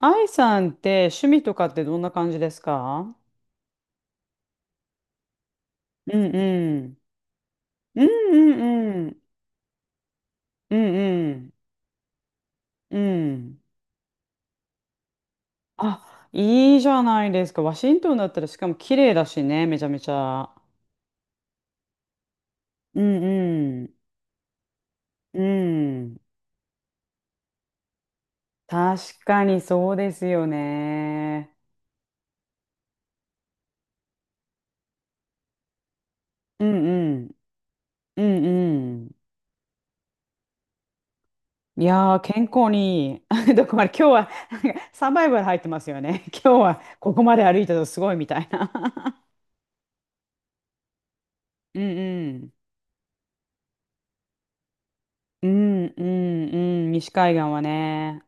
愛さんって趣味とかってどんな感じですか？うんうん。うんうんうん。うんうん。うん。あ、いいじゃないですか。ワシントンだったらしかも綺麗だしね、めちゃめちゃ。うんうん。うん。確かにそうですよね。うんうん。うんうん。いやー、健康にいい。どこまで、今日はなんかサバイバル入ってますよね。今日はここまで歩いたとすごいみたいな。うんうん。うんうんうん、西海岸はね。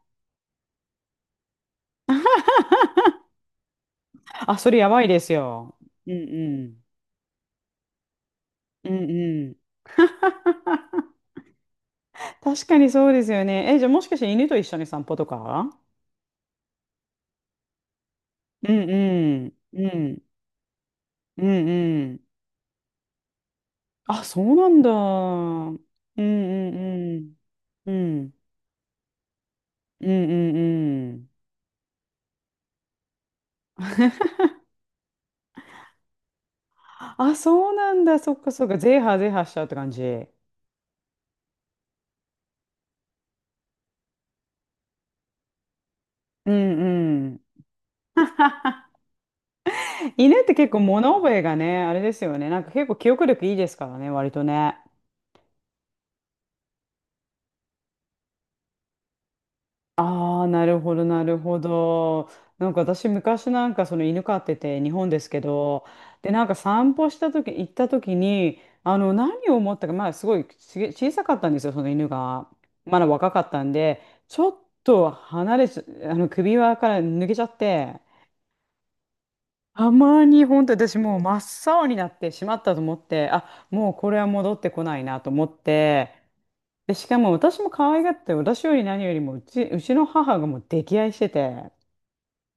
あ、それやばいですよ。うんうん。うんうん。確かにそうですよね。え、じゃあもしかして犬と一緒に散歩とか？うんうんうんうんうん。あ、そうなんだ。うんうんうん。うんうんうんうん。あ、そうなんだ。そっかそっか。ゼーハーゼーハーしちゃうって感じ？うんうん。犬って結構物覚えがね、あれですよね。なんか結構記憶力いいですからね、割とね。ああ、なるほど、なるほど。なんか私、昔なんかその犬飼ってて、日本ですけど、で、なんか散歩した時、行った時に、何を思ったか、まあ、すごい小さかったんですよ、その犬が。まだ若かったんで、ちょっと離れちゃ、首輪から抜けちゃって、たまに本当私もう真っ青になってしまったと思って、あ、もうこれは戻ってこないなと思って、で、しかも私も可愛がって、私より何よりもうち、うちの母がもう溺愛してて、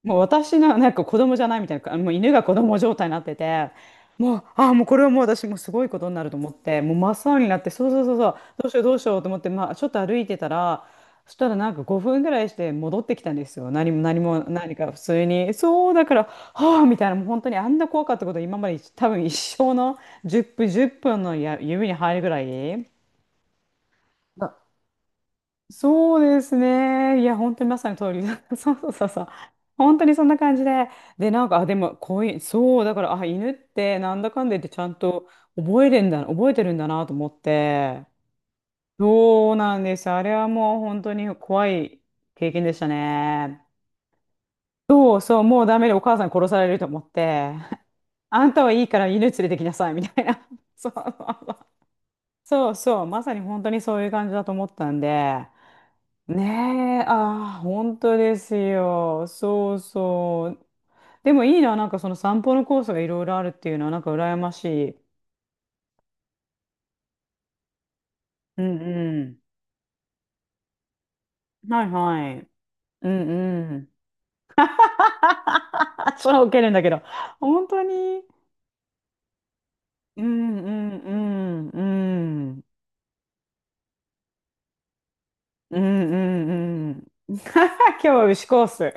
もう私のなんか子供じゃないみたいな、もう犬が子供状態になってて、もう、ああ、もうこれはもう私もうすごいことになると思って、もう真っ青になって、そうそうそうそう、どうしようどうしようと思って、まあ、ちょっと歩いてたら、そしたらなんか5分ぐらいして戻ってきたんですよ。何も何も何か普通に。そう、だから、はあ、みたいな、もう本当にあんな怖かったこと今まで多分一生の10分、10分のや指に入るぐらい。そうですね。いや、本当にまさに通りだ。そうそうそうそう。本当にそんな感じで。で、なんか、あ、でも、こういう、そう、だから、あ、犬って、なんだかんだ言って、ちゃんと覚えてるんだなと思って。そうなんです。あれはもう本当に怖い経験でしたね。そうそう、もうダメでお母さん殺されると思って、あんたはいいから犬連れてきなさい、みたいな。そうそうそう、そうそうまさに本当にそういう感じだと思ったんで。ねえ、ああ、本当ですよ。そうそう。でもいいな、なんかその散歩のコースがいろいろあるっていうのは、なんか羨ましい。うんうん。はいはい。うんうん。それは受けるんだけど。本当に。うんうんうんうん。うんうんうん。今日は牛コース。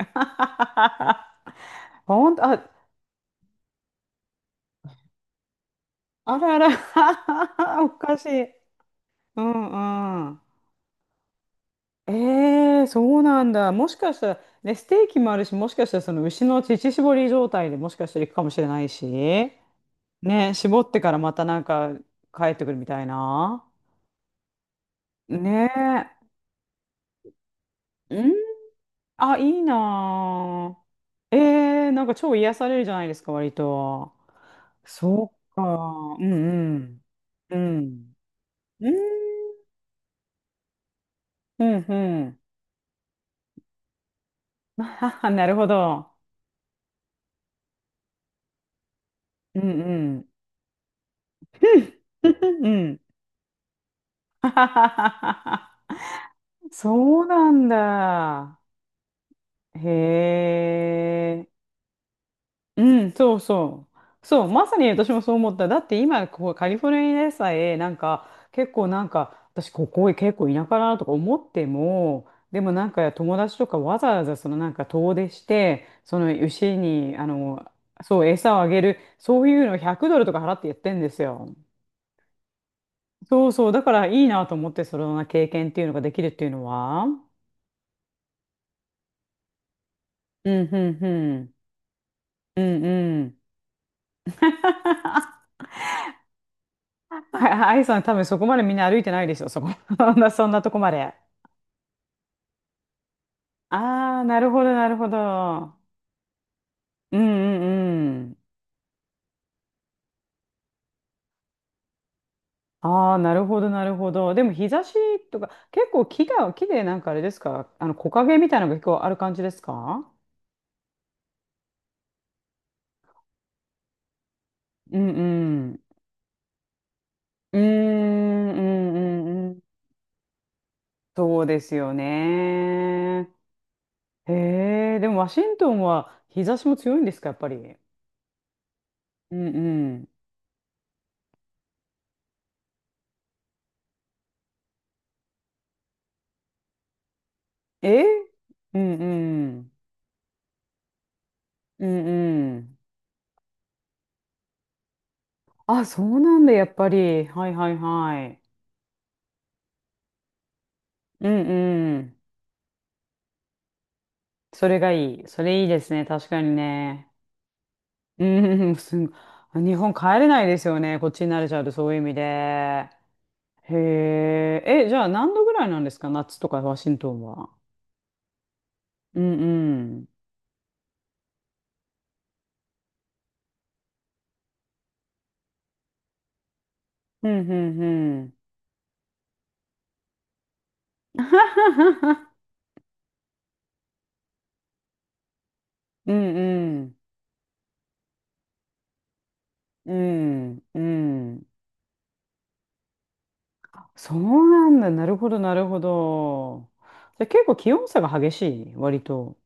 本当、あ、あらあら。おかしい。うんうん。ええそうなんだ。もしかしたら、ね、ステーキもあるし、もしかしたらその牛の乳搾り状態でもしかしたら行くかもしれないし、ね、絞ってからまたなんか帰ってくるみたいな。ねえ。うん、あ、いいなあ。ええなんか超癒されるじゃないですか、割と。そっか。うんうん。うん。うん、うん、うん。あははなるほど。うんうん。うん。うん。はははははそうなんだ。へえ。うん、そうそう。そう、まさに私もそう思った。だって今、ここカリフォルニアでさえ、なんか、結構なんか、私ここ結構田舎だなとか思っても、でもなんか友達とかわざわざそのなんか遠出して、その牛に、そう、餌をあげる、そういうのを100ドルとか払ってやってんですよ。そうそう、だからいいなと思って、そのような経験っていうのができるっていうのは。うん、うん、うん。うん、うん。あアイいさん多分そこまでみんな歩いてないでしょ、そこ。そんなそんなとこまで。ああ、なるほど、なるほど。うんうんうん。ああ、なるほど、なるほど。でも日差しとか、結構木が、木でなんかあれですか、あの木陰みたいなのが結構ある感じですか？うんうん。うーん、うんうんうん。そうですよね。へえ、でもワシントンは日差しも強いんですか、やっぱり。うんうん。えうんうん。うんうん。あ、そうなんだ、やっぱり。はいはいはい。うんうん。それがいい。それいいですね。確かにね。うんうん、日本帰れないですよね。こっちに慣れちゃうと、そういう意味で。へえ。え、じゃあ何度ぐらいなんですか夏とかワシントンは？うんうん。うんうんうん。うんうん。うんうん。そうなんだ。なるほど、なるほど。じゃあ結構気温差が激しい、割と。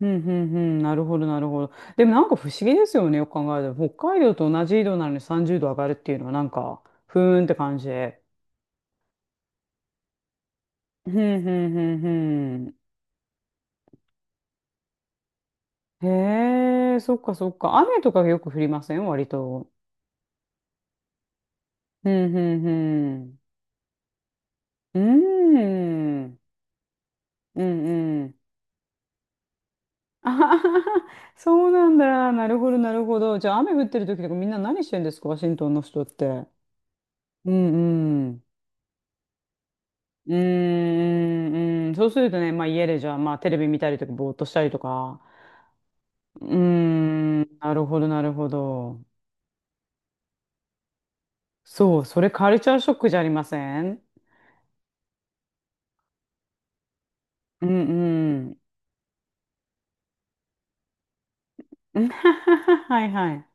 うんうんうん、なるほど、なるほど。でもなんか不思議ですよね、よく考えたら。北海道と同じ緯度なのに30度上がるっていうのはなんか、ふーんって感じで。ふんふんふんふん。へえ、そっかそっか。雨とかよく降りません割と？ふんふんふん。うーん。うんうん。あはははそうなんだ。なるほど、なるほど。じゃあ雨降ってる時とかみんな何してんですかワシントンの人って？うんうん。うーん、うん、そうするとね、まあ家でじゃあ、まあテレビ見たりとか、ぼーっとしたりとか。うーん、なるほど、なるほど。そう、それカルチャーショックじゃありません？うんうん。はいはい。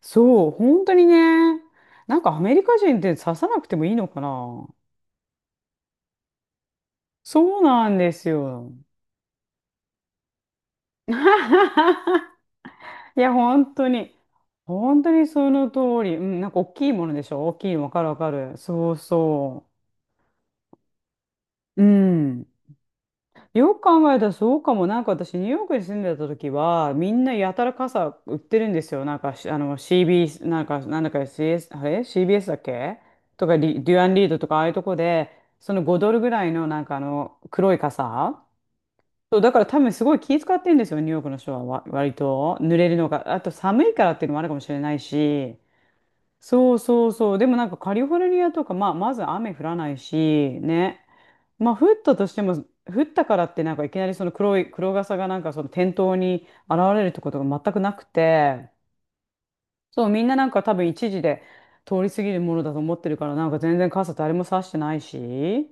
そう、本当にね。なんかアメリカ人って刺さなくてもいいのかな？そうなんですよ。いや、本当に。本当にその通り。うん、なんか大きいものでしょ、大きいのわかるわかる。そうそう。うん。よく考えたらそうかも。なんか私、ニューヨークに住んでた時は、みんなやたら傘売ってるんですよ。なんかCB、なんか、なんだか CS、あれ？ CBS だっけ、とかリ、デュアンリードとか、ああいうとこで、その5ドルぐらいの、なんか黒い傘。そう、だから多分すごい気遣ってんですよ、ニューヨークの人は割と。濡れるのが。あと寒いからっていうのもあるかもしれないし。そうそうそう。でもなんかカリフォルニアとか、まあ、まず雨降らないし、ね。まあ、降ったとしても、降ったからってなんかいきなりその黒傘がなんかその店頭に現れるってことが全くなくて、そう、みんななんか多分一時で通り過ぎるものだと思ってるから、なんか全然傘誰も差してないし。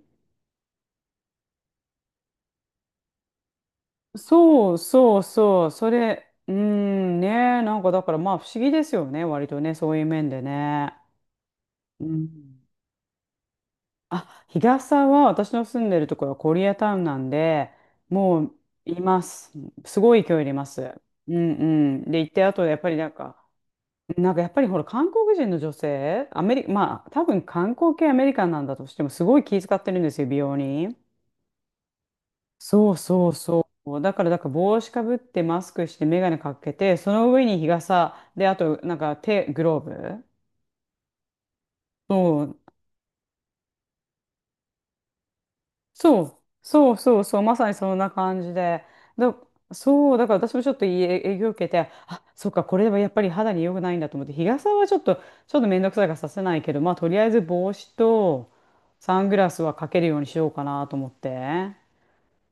そうそうそう。それ、うーん、ね。なんかだからまあ不思議ですよね。割とね、そういう面でね。うん。あ、日傘は私の住んでるところはコリアタウンなんで、もういます。すごい勢いでいます。うんうん。で、行って、あとやっぱりなんか、なんかやっぱりほら、韓国人の女性、アメリカ、まあ、多分観光系アメリカンなんだとしても、すごい気遣ってるんですよ、美容に。そうそうそう。だから帽子かぶって、マスクして、眼鏡かけて、その上に日傘、で、あと、なんか手、グローブ。そうそう、そうそうそう、まさにそんな感じで。だ、そう、だから私もちょっといい影響を受けて、あ、そっか、これはやっぱり肌に良くないんだと思って、日傘はちょっとめんどくさいからさせないけど、まあ、とりあえず帽子とサングラスはかけるようにしようかなと思って。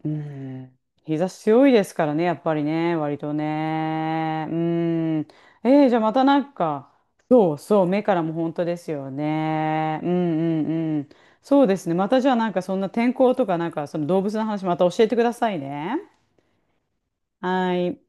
うん。日差し強いですからね、やっぱりね、割とね。うん。じゃあまたなんか、そうそう、目からも本当ですよね。うんうんうん。そうですね。またじゃあなんかそんな天候とかなんかその動物の話また教えてくださいね。はい。